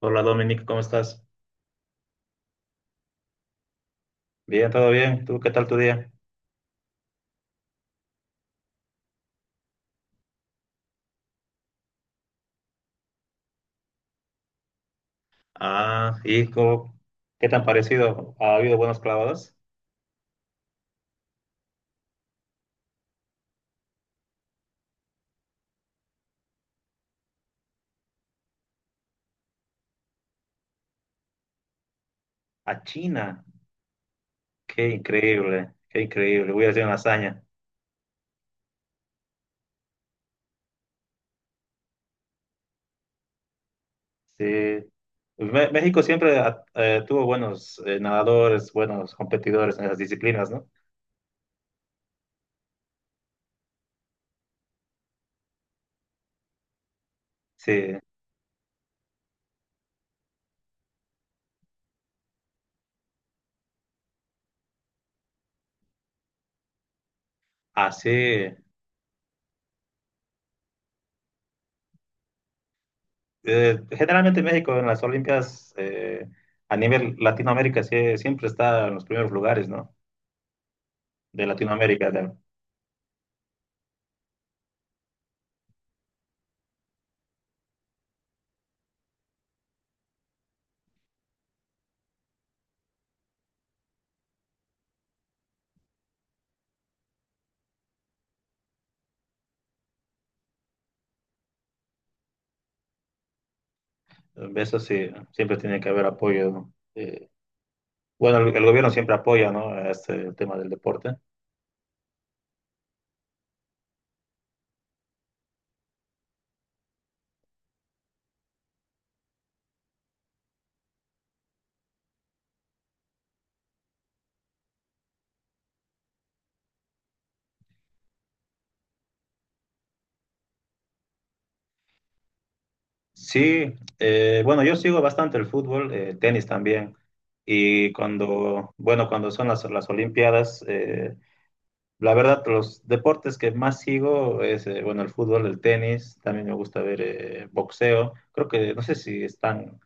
Hola Dominic, ¿cómo estás? Bien, todo bien. ¿Tú qué tal tu día? Ah, ¿y cómo- ¿Qué tan parecido? ¿Ha habido buenos clavados? A China. Qué increíble, qué increíble. Voy a hacer una hazaña. Sí. México siempre tuvo buenos nadadores, buenos competidores en esas disciplinas, ¿no? Sí. Así. Generalmente México en las Olimpiadas, a nivel Latinoamérica, sí, siempre está en los primeros lugares, ¿no? De Latinoamérica. Eso sí, siempre tiene que haber apoyo, ¿no? Bueno, el gobierno siempre apoya, ¿no?, a este tema del deporte. Sí, bueno, yo sigo bastante el fútbol, tenis también. Y cuando, bueno, cuando son las Olimpiadas, la verdad, los deportes que más sigo es, bueno, el fútbol, el tenis, también me gusta ver boxeo. Creo que, no sé si están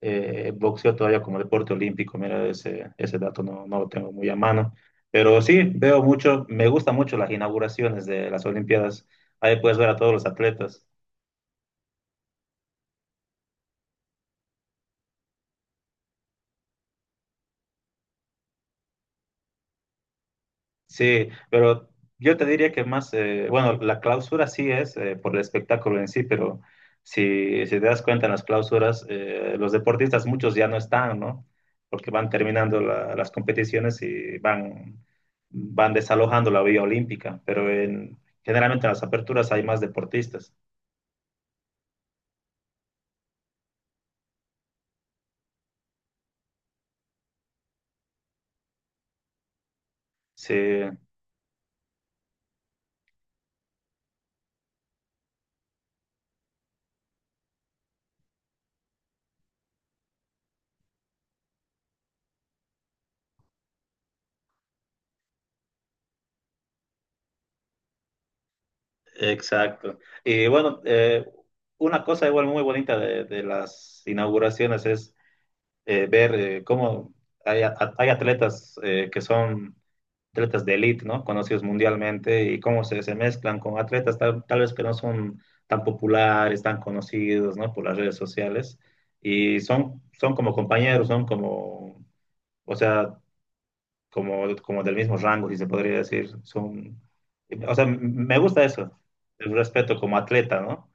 boxeo todavía como deporte olímpico. Mira, ese dato no, no lo tengo muy a mano, pero sí, veo mucho, me gustan mucho las inauguraciones de las Olimpiadas, ahí puedes ver a todos los atletas. Sí, pero yo te diría que más, bueno, la clausura sí es, por el espectáculo en sí, pero si te das cuenta en las clausuras, los deportistas muchos ya no están, ¿no? Porque van terminando las competiciones y van, van desalojando la vía olímpica, pero en, generalmente en las aperturas hay más deportistas. Sí, exacto. Y bueno, una cosa igual muy bonita de las inauguraciones es, ver, cómo hay, hay atletas, que son atletas de élite, ¿no? Conocidos mundialmente, y cómo se mezclan con atletas tal vez que no son tan populares, tan conocidos, ¿no?, por las redes sociales. Y son, son como compañeros, son como, o sea, como, como del mismo rango, si se podría decir. Son, o sea, me gusta eso, el respeto como atleta, ¿no?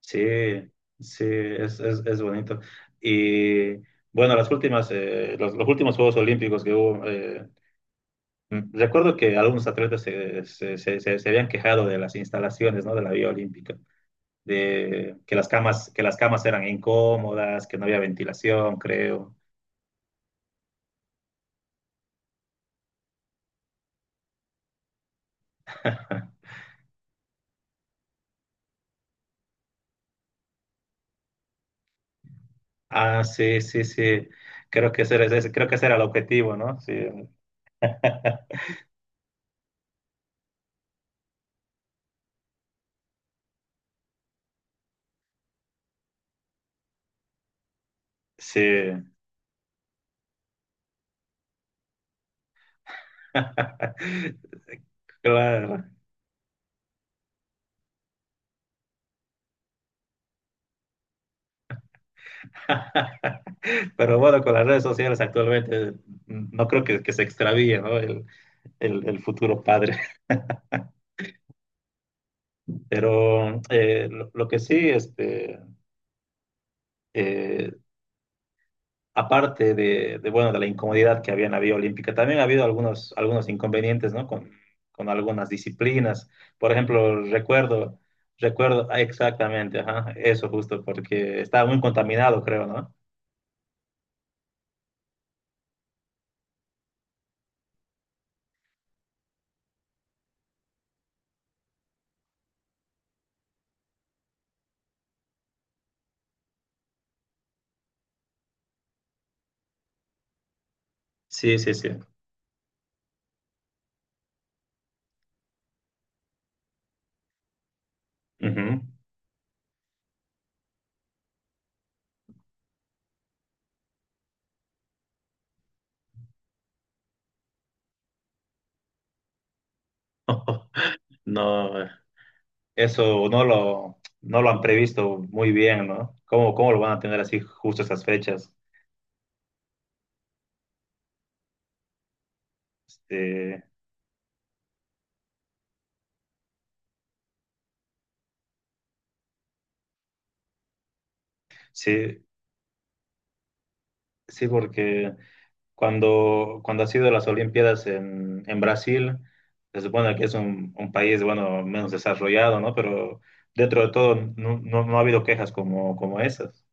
Sí, sí, es bonito. Y bueno, las últimas, los últimos Juegos Olímpicos que hubo, recuerdo que algunos atletas se habían quejado de las instalaciones, ¿no? De la vía olímpica, de que las camas eran incómodas, que no había ventilación, creo. Ah, sí, sí, sí. Creo que ese era, creo que ese era el objetivo, ¿no? Sí, sí. Claro. Pero bueno, con las redes sociales actualmente, no creo que se extravíe, ¿no?, el futuro padre. Pero lo que sí, eh, aparte de, bueno, de la incomodidad que había en la vía olímpica, también ha habido algunos, algunos inconvenientes, ¿no? Con algunas disciplinas. Por ejemplo, recuerdo, recuerdo exactamente, ajá, eso justo, porque estaba muy contaminado, creo, ¿no? Sí, sí, sí. Ujú. No, eso no lo, no lo han previsto muy bien, ¿no? ¿Cómo, cómo lo van a tener así justo esas fechas? Este, sí, sí, porque cuando, cuando ha sido las Olimpiadas en Brasil, se supone que es un país, bueno, menos desarrollado, ¿no?, pero dentro de todo no, no, no ha habido quejas como, como esas.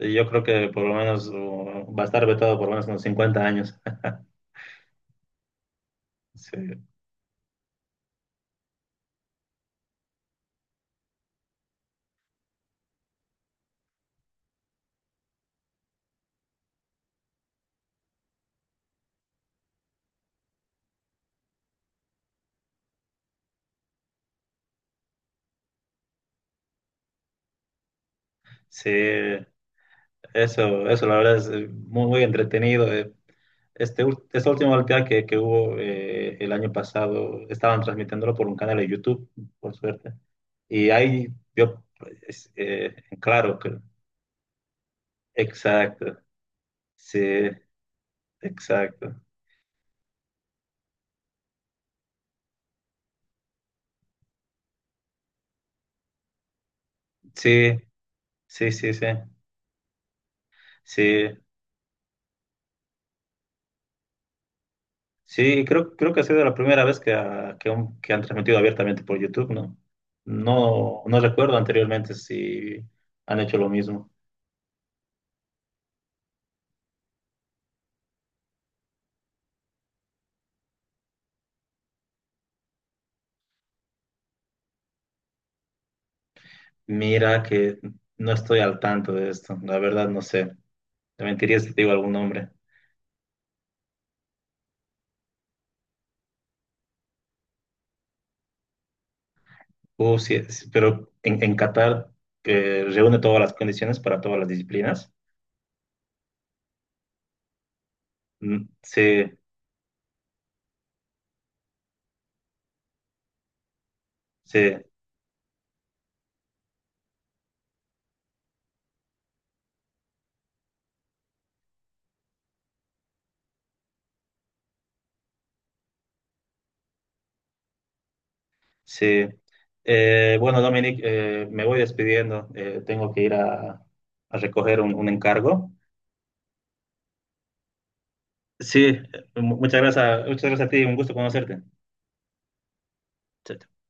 Y yo creo que por lo menos, va a estar vetado por lo menos unos 50 años. Sí, sí. Eso la verdad es, muy, muy entretenido. Esta última Olimpiada que hubo, el año pasado, estaban transmitiéndolo por un canal de YouTube, por suerte. Y ahí yo, pues, claro, que, exacto, sí, exacto. Sí, sí, sí, sí, sí, sí, creo, creo que ha sido la primera vez que, que, que han transmitido abiertamente por YouTube, ¿no? No, no recuerdo anteriormente si han hecho lo mismo. Mira que no estoy al tanto de esto, la verdad no sé. Te mentiría si te digo algún nombre. Sí, sí, pero en Qatar, reúne todas las condiciones para todas las disciplinas. Sí, sí, sí. Bueno, Dominic, me voy despidiendo. Tengo que ir a recoger un encargo. Sí, muchas gracias a ti, un gusto conocerte. Chao, chao.